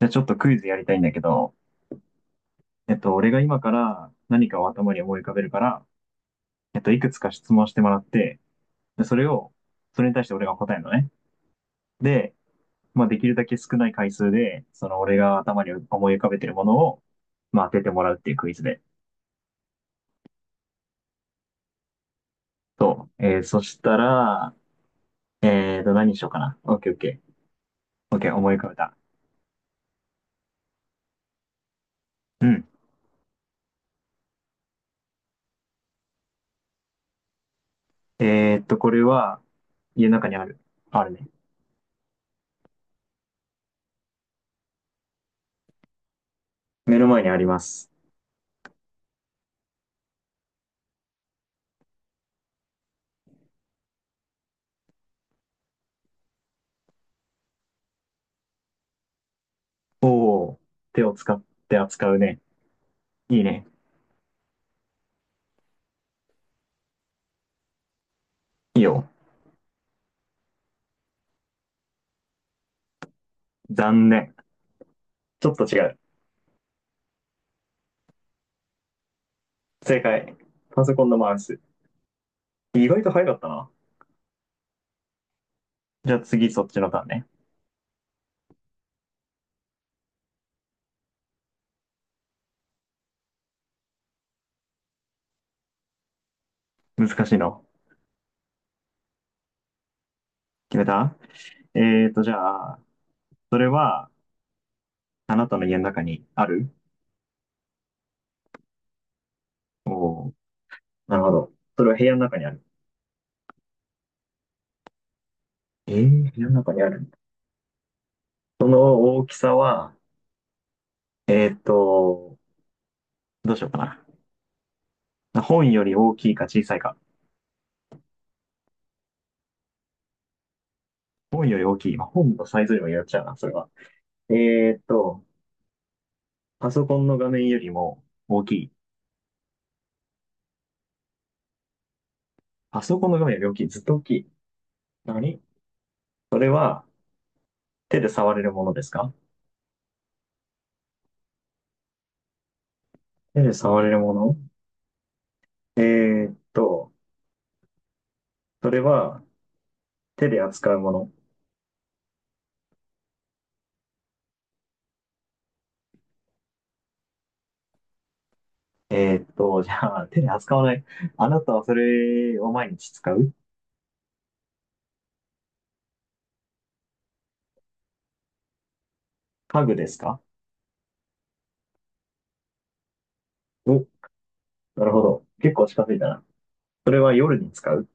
じゃあちょっとクイズやりたいんだけど、俺が今から何かを頭に思い浮かべるから、いくつか質問してもらって、で、それに対して俺が答えるのね。で、まあ、できるだけ少ない回数で、その俺が頭に思い浮かべてるものを、まあ、当ててもらうっていうクイズで。そう。そしたら、何にしようかな。オッケーオッケー。オッケー、思い浮かべた。うん。これは、家の中にある。あるね。目の前にあります。おー、手を使って扱うね。いいね。いいよ。残念。ちょっと違う。正解。パソコンのマウス。意外と早かったな。じゃあ次そっちのターンね。難しいの。決めた。じゃあ、それは、あなたの家の中にある。おー、なるほど。それは部屋の中にある。部屋の中にある。その大きさは、えーと、どうしようかな。本より大きいか小さいか。本より大きい。まあ、本のサイズにもよっちゃうな、それは。えーと、パソコンの画面よりも大きい。パソコンの画面より大きい。ずっと大きい。何それは手で触れるものですか？手で触れるもの。えーっと、それは手で扱うもの。じゃあ手で扱わない。あなたはそれを毎日使う。家具ですか？お、なるほど。結構近づいたな。それは夜に使う。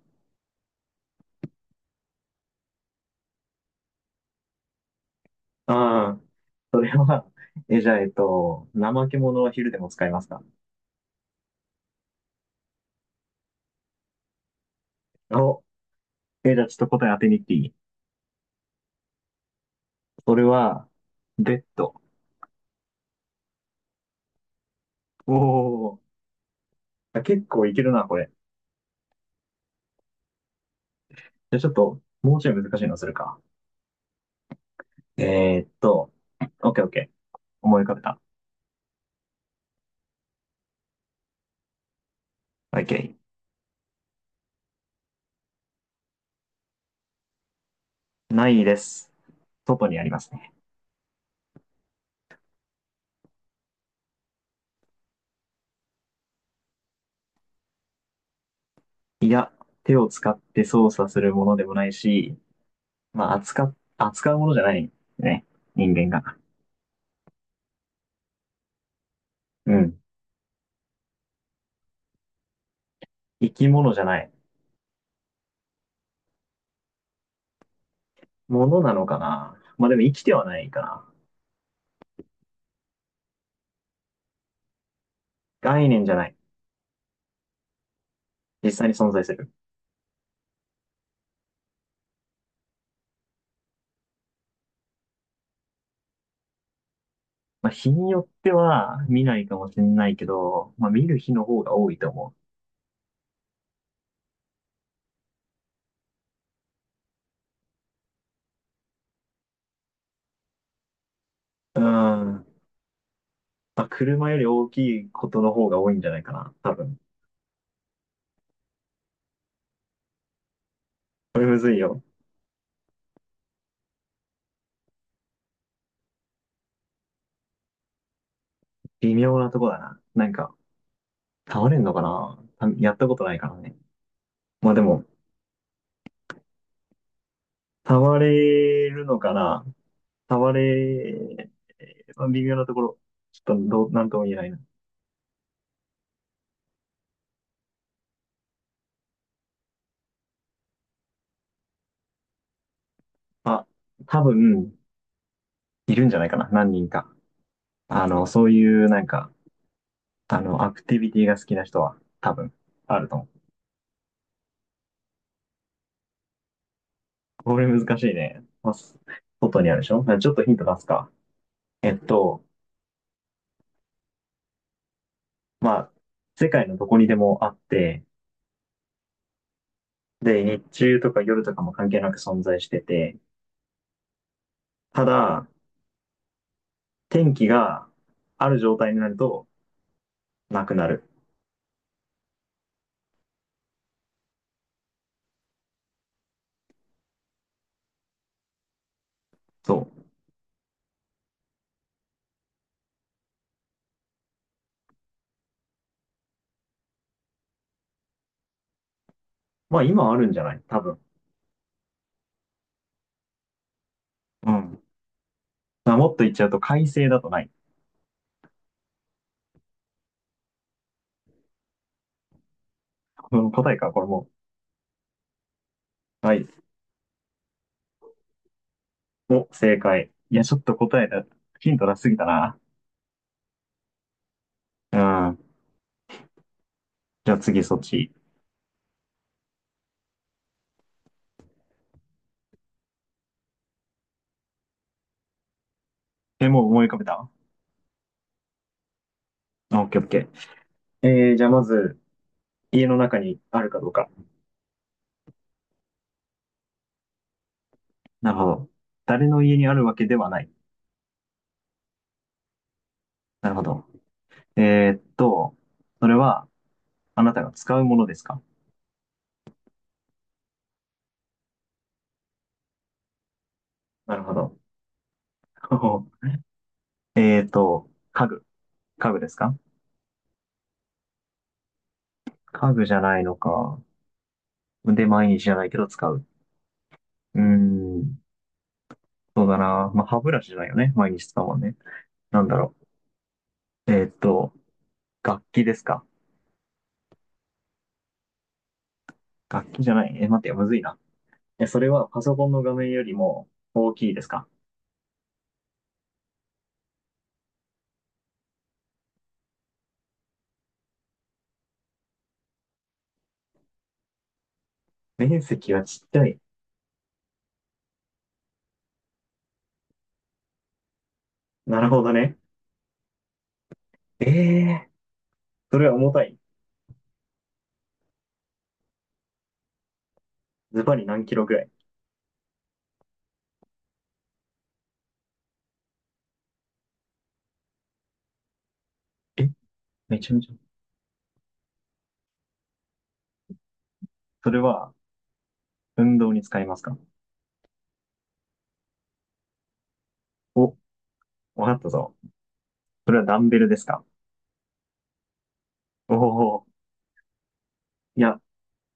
ああー、それは、え、じゃあ、怠け者は昼でも使いますか？お、え、じゃあちょっと答え当てに行っていい？それは、ベッド。おお、あ、結構いけるな、これ。じゃあちょっと、もうちょい難しいのするか。えーっと、オッケーオッケー。思い浮かべた。オッケー。ないです。外にありますね。いや、手を使って操作するものでもないし、まあ、扱うものじゃないね。人間が。うん。生き物じゃない。ものなのかな。まあでも生きてはないかな。概念じゃない。実際に存在する。まあ、日によっては見ないかもしれないけど、まあ、見る日の方が多いと思う。うーん。まあ、車より大きいことの方が多いんじゃないかな、多分。これむずいよ。微妙なとこだな。なんか、倒れんのかなたやったことないからね。まあでも、倒れるのかな倒れ、まあ微妙なところ。ちょっとなんとも言えないな。あ、多分、いるんじゃないかな、何人か。そういう、なんか、アクティビティが好きな人は、多分、あると思う。これ難しいね。まあ、外にあるでしょ。ちょっとヒント出すか。えっと、まあ、世界のどこにでもあって、で、日中とか夜とかも関係なく存在してて、ただ、天気がある状態になるとなくなる。そう。まあ、今あるんじゃない？多分。うん。まあ、もっと言っちゃうと、快晴だとない。この答えか、これもう。はい。お、正解。いや、ちょっと答えだ、ヒント出しすぎたな。うん。じゃあ次そっち。え、もう思い浮かべた？あ、オッケーオッケー。じゃあまず、家の中にあるかどうか。なるほど。誰の家にあるわけではない。なるほど。えーっと、それは、あなたが使うものですか？なるほど。家具。家具ですか？家具じゃないのか。で、毎日じゃないけど使う。うーん、そうだな。まあ、歯ブラシじゃないよね。毎日使うもんね。なんだろう。楽器ですか？楽器じゃない。え、待ってよ、むずいな。え、それはパソコンの画面よりも大きいですか？面積はちっちゃい。なるほどね。ええー、それは重たい。ズバリ何キロぐらい？え、めちゃめちゃ。それは、運動に使いますか？お、わかったぞ。それはダンベルですか？おおー、いや、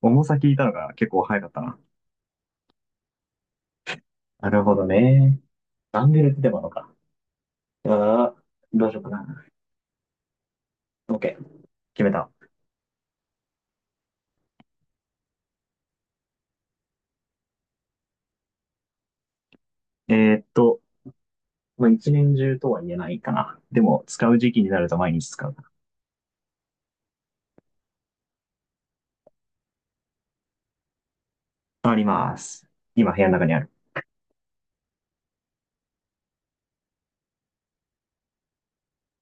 重さ聞いたのが結構早かったな。なるほどね。ダンベルってでものか。ああ、どうしようかな。OK、決めた。えーっと、まあ、一年中とは言えないかな。でも、使う時期になると毎日使う。あります。今、部屋の中にある。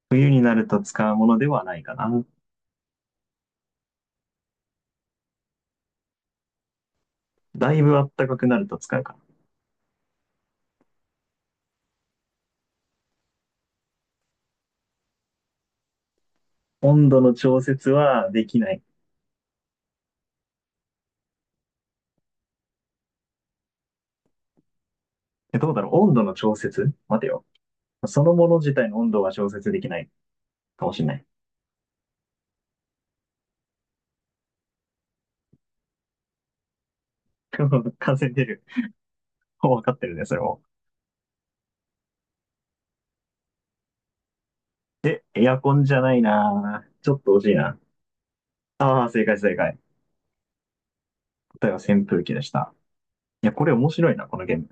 冬になると使うものではないかな。だいぶ暖かくなると使うかな。温度の調節はできない。え、どうだろう？温度の調節、待てよ。そのもの自体の温度が調節できないかもしれない。感染出る。分かってるね、それも。で、エアコンじゃないなぁ。ちょっと惜しいな。ああ、正解正解。答えは扇風機でした。いや、これ面白いな、このゲーム。